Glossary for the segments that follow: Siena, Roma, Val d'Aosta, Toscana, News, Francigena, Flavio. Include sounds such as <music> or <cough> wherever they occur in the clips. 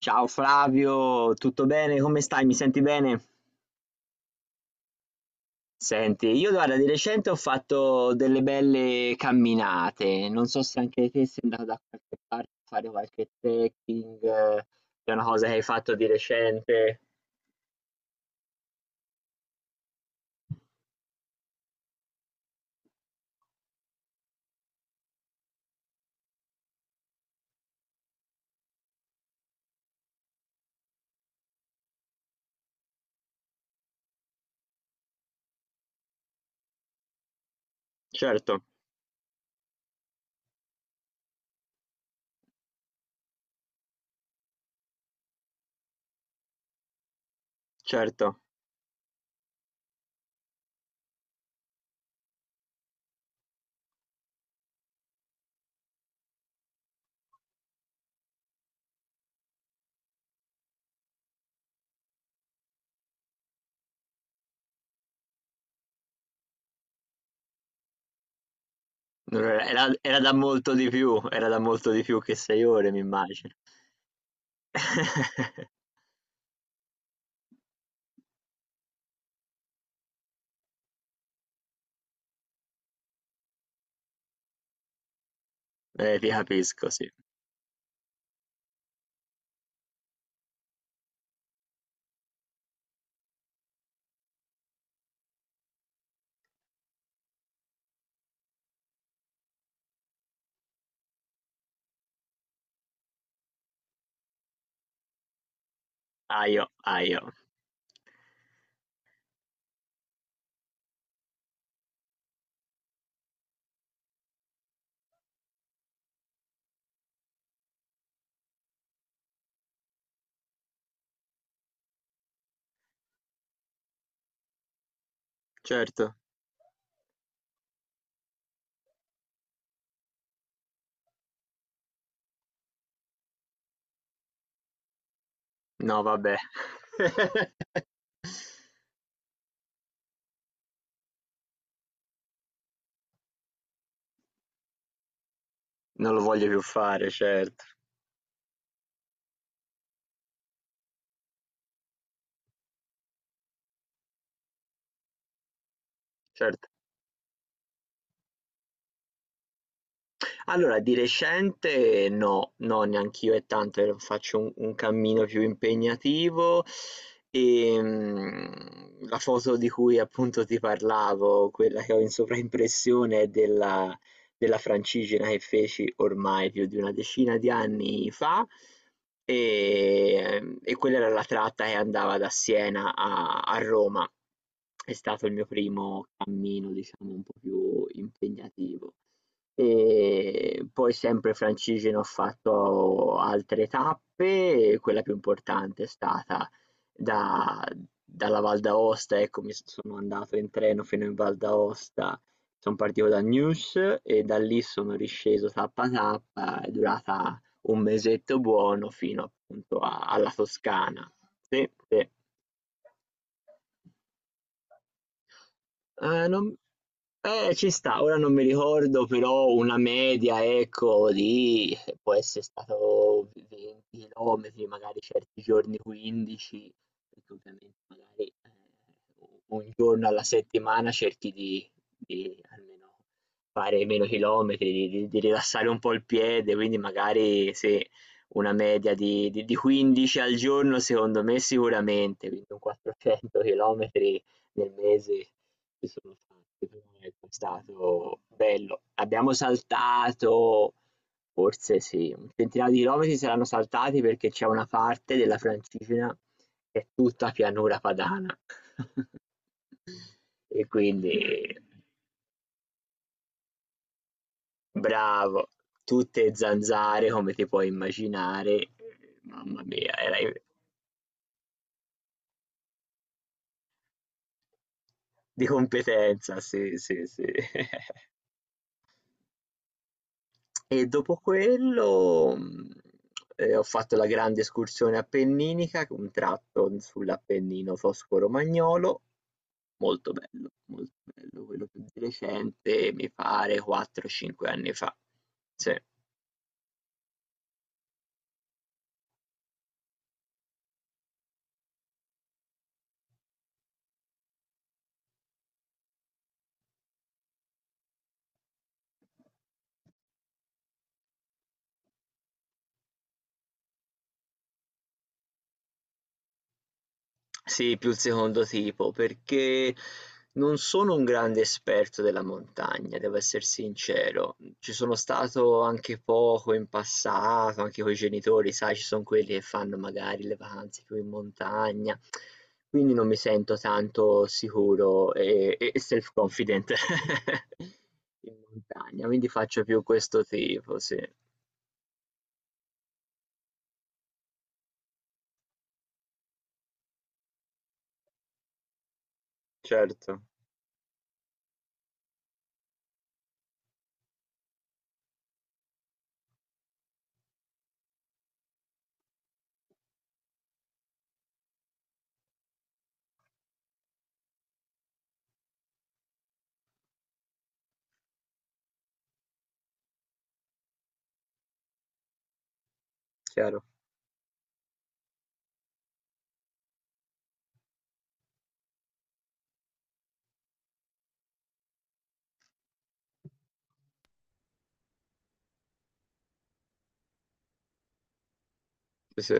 Ciao Flavio, tutto bene? Come stai? Mi senti bene? Senti, io guarda, di recente ho fatto delle belle camminate, non so se anche te sei andato da qualche parte a fare qualche trekking, è una cosa che hai fatto di recente. Certo, certo. Non era, era da molto di più, era da molto di più che sei ore, mi immagino. <laughs> Ti capisco, sì. Aio, aio, certo, no, vabbè. <laughs> Non lo voglio più fare, certo, certo. Allora, di recente no, no, neanch'io è tanto che faccio un cammino più impegnativo e la foto di cui appunto ti parlavo, quella che ho in sovraimpressione è della Francigena che feci ormai più di una decina di anni fa e quella era la tratta che andava da Siena a Roma. È stato il mio primo cammino, diciamo, un po' più impegnativo. E poi sempre francigeno ho fatto altre tappe, e quella più importante è stata da- dalla Val d'Aosta, ecco, sono andato in treno fino in Val d'Aosta, sono partito da News e da lì sono risceso tappa tappa, è durata un mesetto buono fino appunto alla Toscana. Sì, sì. Non ci sta, ora non mi ricordo, però una media, ecco, di può essere stato 20 chilometri, magari certi giorni 15, perché ovviamente magari un giorno alla settimana cerchi di almeno fare meno chilometri, di rilassare un po' il piede, quindi magari se una media di 15 al giorno, secondo me sicuramente, quindi un 400 km nel mese si sono fatti, però ecco, è stato bello. Abbiamo saltato, forse sì, un centinaio di chilometri saranno saltati perché c'è una parte della Francigena che è tutta pianura padana. <laughs> E quindi, bravo, tutte zanzare come ti puoi immaginare. Mamma mia, era di competenza, sì, sì, sì. <laughs> E dopo quello, ho fatto la grande escursione appenninica, un tratto sull'Appennino tosco-romagnolo, molto bello, quello più di recente mi pare 4, 5 anni fa. Sì. Sì, più il secondo tipo, perché non sono un grande esperto della montagna, devo essere sincero. Ci sono stato anche poco in passato, anche con i genitori, sai, ci sono quelli che fanno magari le vacanze più in montagna, quindi non mi sento tanto sicuro e self-confident <laughs> in montagna, quindi faccio più questo tipo, sì. Certo, chiaro. Sì, sì.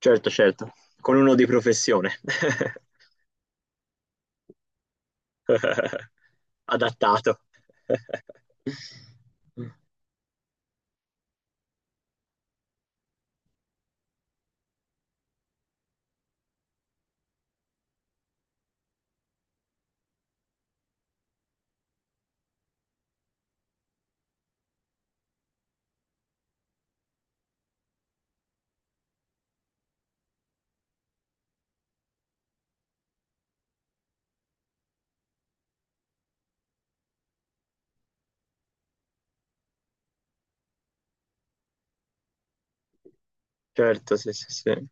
Certo, certo, con uno di professione. <laughs> Adattato. <laughs> Certo, sì, sì, sì.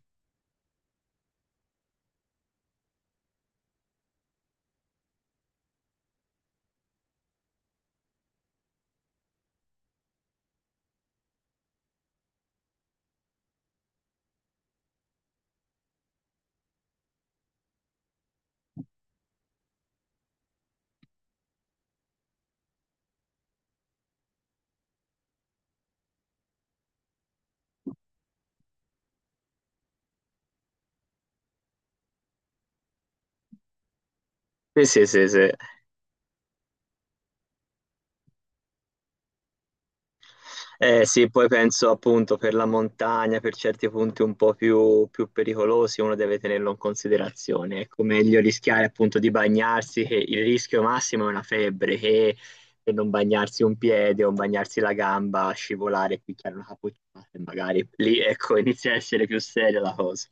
Sì, sì, sì, sì. Sì, poi penso appunto per la montagna, per certi punti un po' più, più pericolosi, uno deve tenerlo in considerazione. Ecco, meglio rischiare appunto di bagnarsi, che il rischio massimo è una febbre, che per non bagnarsi un piede o bagnarsi la gamba, scivolare, picchiare una capocciata e magari lì, ecco, <laughs> inizia a essere più seria la cosa.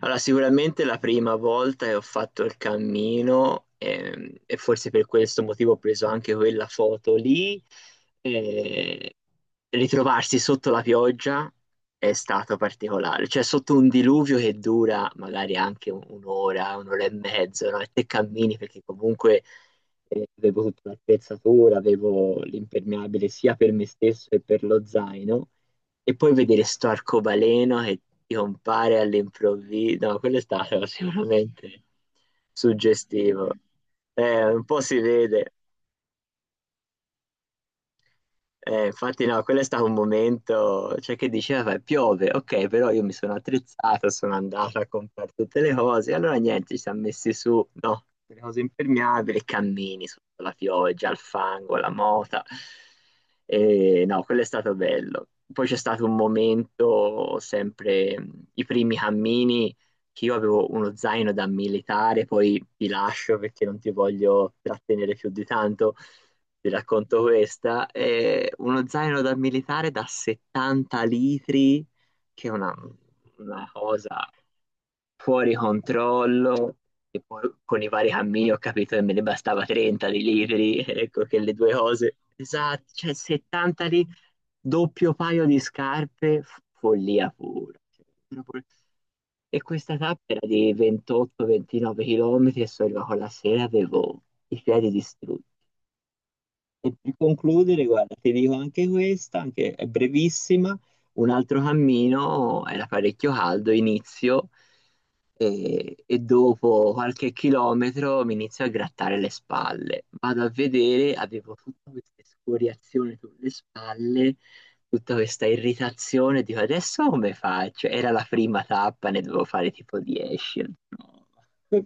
Allora, sicuramente la prima volta che ho fatto il cammino e forse per questo motivo ho preso anche quella foto lì, eh, ritrovarsi sotto la pioggia è stato particolare, cioè sotto un diluvio che dura magari anche un'ora, un'ora e mezzo, no? E te cammini perché comunque avevo tutta l'attrezzatura, avevo l'impermeabile sia per me stesso che per lo zaino e poi vedere sto arcobaleno che ti compare all'improvviso, no, quello è stato <laughs> sicuramente suggestivo. Un po' si vede. Infatti no, quello è stato un momento, cioè che diceva, vabbè, piove, ok, però io mi sono attrezzata, sono andata a comprare tutte le cose, allora niente, ci siamo messi su, no, le cose impermeabili, e cammini sotto la pioggia, il fango, la mota, e no, quello è stato bello. Poi c'è stato un momento, sempre i primi cammini, che io avevo uno zaino da militare, poi ti lascio perché non ti voglio trattenere più di tanto vi racconto questa, è uno zaino da militare da 70 litri, che è una cosa fuori controllo, e poi con i vari cammini ho capito che me ne bastava 30 di litri, <laughs> ecco che le due cose, esatto, cioè 70 litri, doppio paio di scarpe, follia pura. E questa tappa era di 28-29 km e sono arrivato la sera, avevo i piedi distrutti. E per concludere, guarda, ti dico anche questa, anche è brevissima. Un altro cammino era parecchio caldo, inizio e dopo qualche chilometro mi inizio a grattare le spalle. Vado a vedere, avevo tutta questa scoriazione sulle spalle tutta questa irritazione, dico adesso come faccio? Era la prima tappa, ne dovevo fare tipo 10. No. <laughs>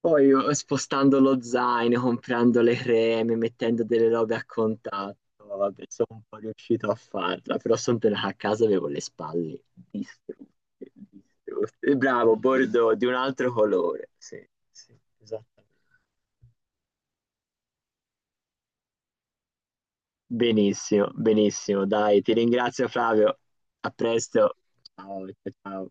Poi io, spostando lo zaino, comprando le creme, mettendo delle robe a contatto, vabbè, sono un po' riuscito a farla, però sono tornato a casa e avevo le spalle distrutte, distrutte. Bravo, bordeaux di un altro colore. Sì, sì, esattamente. Benissimo, benissimo. Dai, ti ringrazio Flavio. A presto. Ciao, ciao. Ciao.